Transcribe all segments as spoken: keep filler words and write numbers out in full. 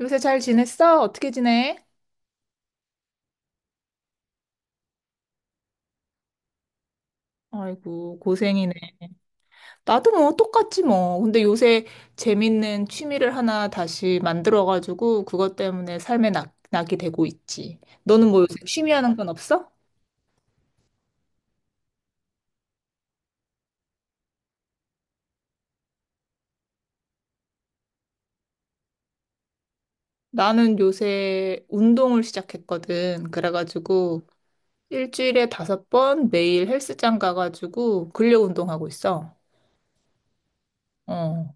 요새 잘 지냈어? 어떻게 지내? 아이고, 고생이네. 나도 뭐 똑같지 뭐. 근데 요새 재밌는 취미를 하나 다시 만들어가지고 그것 때문에 삶에 낙, 낙이 되고 있지. 너는 뭐 요새 취미 하는 건 없어? 나는 요새 운동을 시작했거든. 그래가지고 일주일에 다섯 번 매일 헬스장 가가지고 근력 운동하고 있어. 어,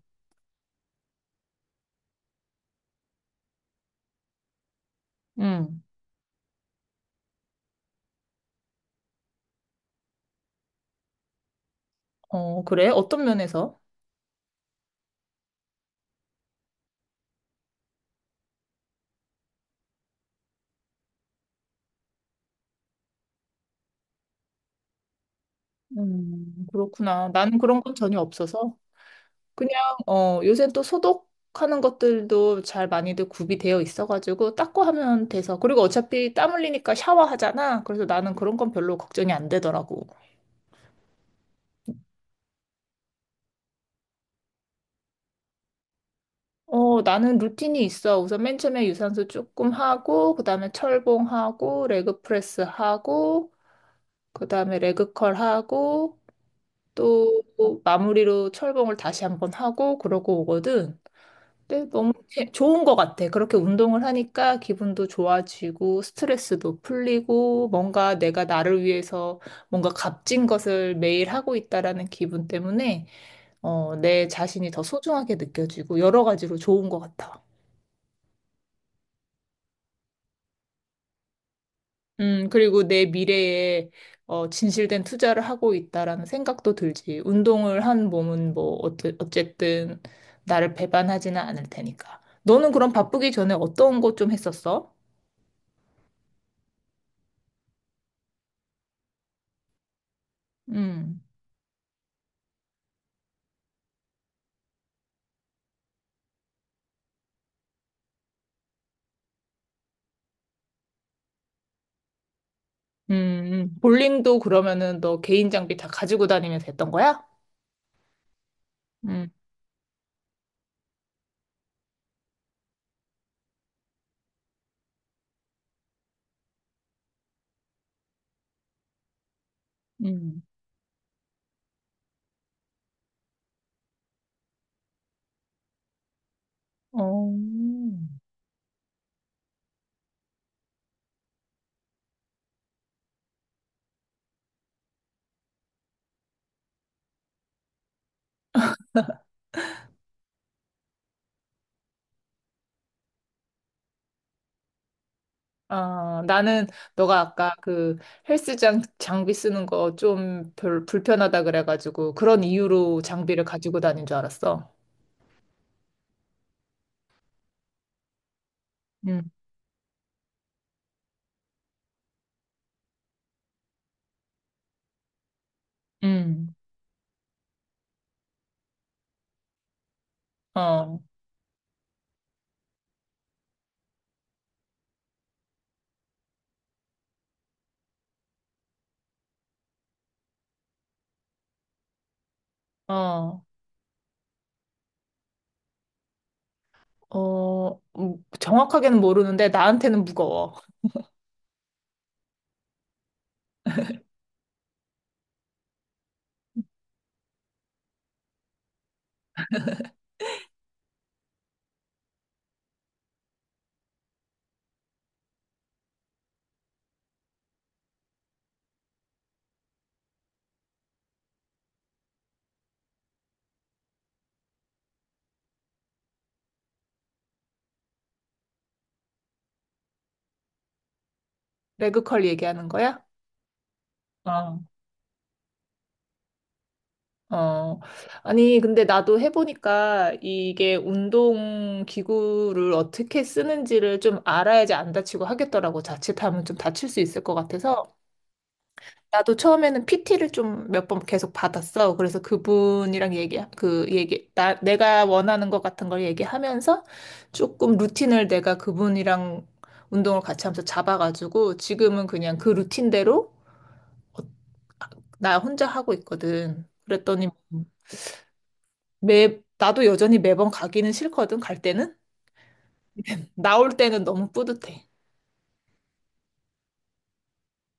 응. 어, 그래? 어떤 면에서? 음, 그렇구나. 나는 그런 건 전혀 없어서. 그냥 어 요새 또 소독하는 것들도 잘 많이들 구비되어 있어가지고 닦고 하면 돼서, 그리고 어차피 땀 흘리니까 샤워하잖아. 그래서 나는 그런 건 별로 걱정이 안 되더라고. 어, 나는 루틴이 있어. 우선 맨 처음에 유산소 조금 하고, 그다음에 철봉하고 레그 프레스 하고, 그다음에 레그 컬 하고, 또 마무리로 철봉을 다시 한번 하고 그러고 오거든. 근데 너무 게- 좋은 것 같아. 그렇게 운동을 하니까 기분도 좋아지고 스트레스도 풀리고, 뭔가 내가 나를 위해서 뭔가 값진 것을 매일 하고 있다라는 기분 때문에 어, 내 자신이 더 소중하게 느껴지고 여러 가지로 좋은 것 같아. 음, 그리고 내 미래에 어, 진실된 투자를 하고 있다라는 생각도 들지. 운동을 한 몸은 뭐 어째- 어쨌든 나를 배반하지는 않을 테니까. 너는 그럼 바쁘기 전에 어떤 거 좀 했었어? 음. 음, 볼링도 그러면은 너 개인 장비 다 가지고 다니면서 했던 거야? 음, 음. 어. 아, 나는 너가 아까 그 헬스장 장비 쓰는 거 좀 별 불편하다 그래가지고 그런 이유로 장비를 가지고 다닌 줄 알았어. 음, 음. 어, 어, 어, 음, 정확하게는 모르는데 나한테는 무거워. 레그컬 얘기하는 거야? 어, 어, 아니, 근데 나도 해보니까 이게 운동 기구를 어떻게 쓰는지를 좀 알아야지 안 다치고 하겠더라고. 자칫하면 좀 다칠 수 있을 것 같아서. 나도 처음에는 피티를 좀 몇 번 계속 받았어. 그래서 그분이랑 얘기, 그 얘기, 나, 내가 원하는 것 같은 걸 얘기하면서 조금 루틴을 내가 그분이랑 운동을 같이 하면서 잡아가지고, 지금은 그냥 그 루틴대로 나 혼자 하고 있거든. 그랬더니 매, 나도 여전히 매번 가기는 싫거든, 갈 때는. 나올 때는 너무 뿌듯해.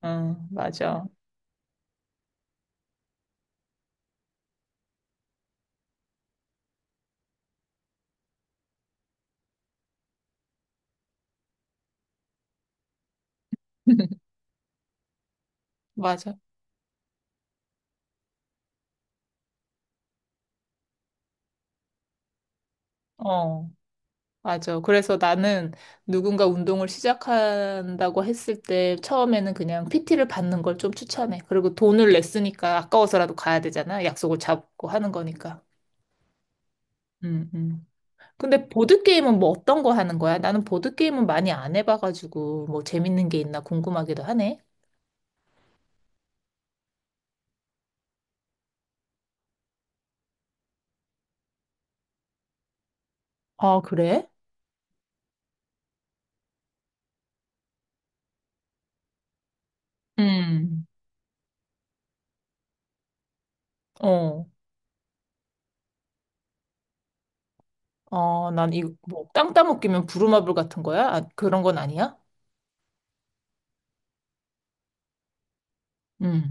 응, 맞아. 맞아. 어, 맞아. 그래서 나는 누군가 운동을 시작한다고 했을 때 처음에는 그냥 피티를 받는 걸 좀 추천해. 그리고 돈을 냈으니까 아까워서라도 가야 되잖아. 약속을 잡고 하는 거니까. 음, 음. 근데 보드게임은 뭐 어떤 거 하는 거야? 나는 보드게임은 많이 안 해봐가지고 뭐 재밌는 게 있나 궁금하기도 하네. 아, 그래? 음. 어. 어, 난 이, 뭐, 땅 따먹기면 부루마블 같은 거야? 아, 그런 건 아니야? 음.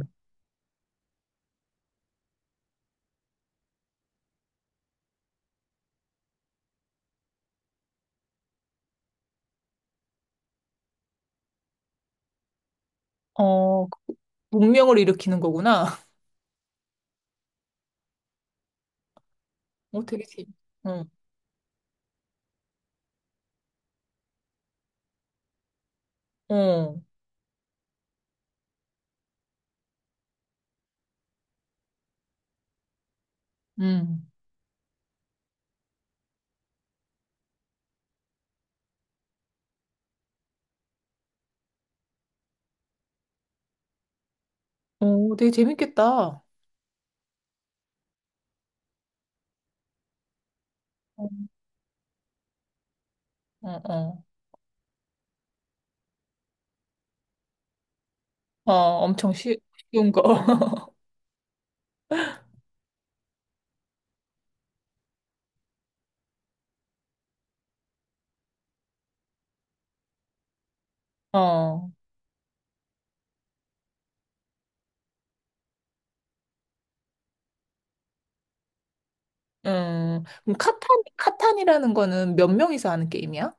어, 그 문명을 일으키는 거구나. 어, 되게 재밌, 어, 어, 음. 어, 되게 재밌겠다. 어, 어, 어. 어, 엄청 쉬, 쉬운 거. 어, 음. 그럼 카탄, 카탄이라는 거는 몇 명이서 하는 게임이야?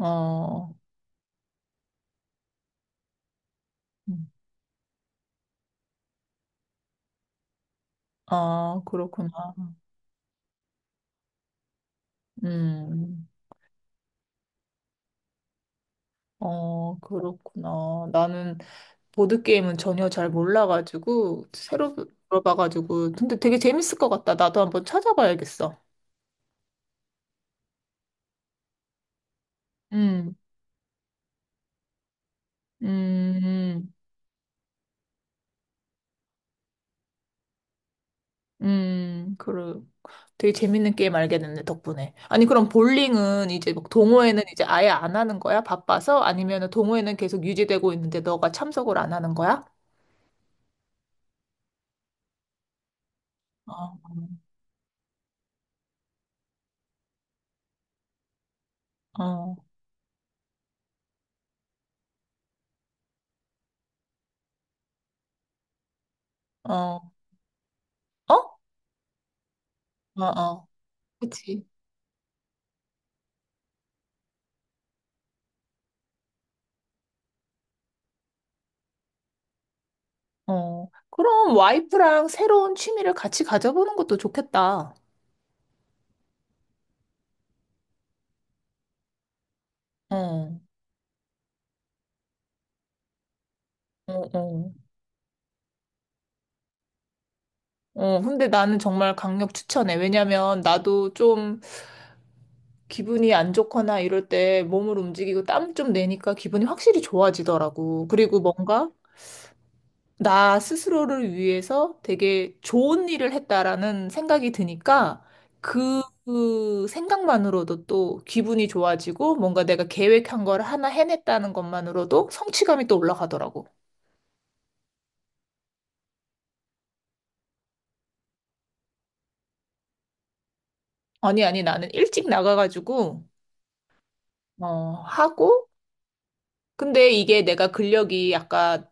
어, 음. 아, 그렇구나. 음, 어, 그렇구나. 나는 보드게임은 전혀 잘 몰라가지고, 새로 들어봐가지고. 근데 되게 재밌을 것 같다. 나도 한번 찾아봐야겠어. 음, 음, 음, 그래. 되게 재밌는 게임 알게 됐네, 덕분에. 아니, 그럼 볼링은 이제 막 동호회는 이제 아예 안 하는 거야? 바빠서? 아니면 동호회는 계속 유지되고 있는데 너가 참석을 안 하는 거야? 어, 어, 어, 어? 어, 어. 그치. 어. 그럼 와이프랑 새로운 취미를 같이 가져보는 것도 좋겠다. 어. 어, 어. 어, 근데 나는 정말 강력 추천해. 왜냐면 나도 좀 기분이 안 좋거나 이럴 때 몸을 움직이고 땀 좀 내니까 기분이 확실히 좋아지더라고. 그리고 뭔가 나 스스로를 위해서 되게 좋은 일을 했다라는 생각이 드니까 그, 그 생각만으로도 또 기분이 좋아지고, 뭔가 내가 계획한 걸 하나 해냈다는 것만으로도 성취감이 또 올라가더라고. 아니, 아니, 나는 일찍 나가가지고 어, 하고, 근데 이게 내가 근력이 아까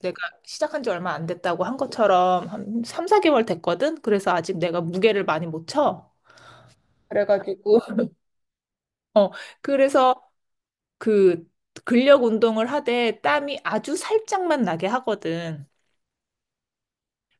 내가 시작한 지 얼마 안 됐다고 한 것처럼 한 삼, 사 개월 됐거든? 그래서 아직 내가 무게를 많이 못 쳐. 그래가지고, 어, 그래서 그 근력 운동을 하되 땀이 아주 살짝만 나게 하거든.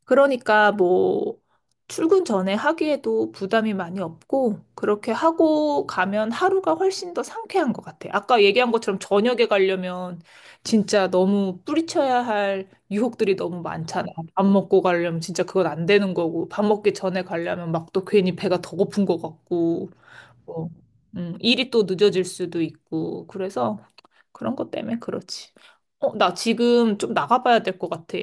그러니까 뭐 출근 전에 하기에도 부담이 많이 없고, 그렇게 하고 가면 하루가 훨씬 더 상쾌한 것 같아. 아까 얘기한 것처럼 저녁에 가려면 진짜 너무 뿌리쳐야 할 유혹들이 너무 많잖아. 밥 먹고 가려면 진짜 그건 안 되는 거고, 밥 먹기 전에 가려면 막 또 괜히 배가 더 고픈 것 같고 뭐, 음, 일이 또 늦어질 수도 있고, 그래서 그런 것 때문에 그렇지. 어, 나 지금 좀 나가봐야 될 것 같아.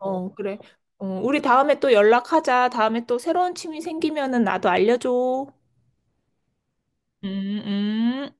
어, 그래. 어, 우리 다음에 또 연락하자. 다음에 또 새로운 취미 생기면은 나도 알려줘. 음, 음.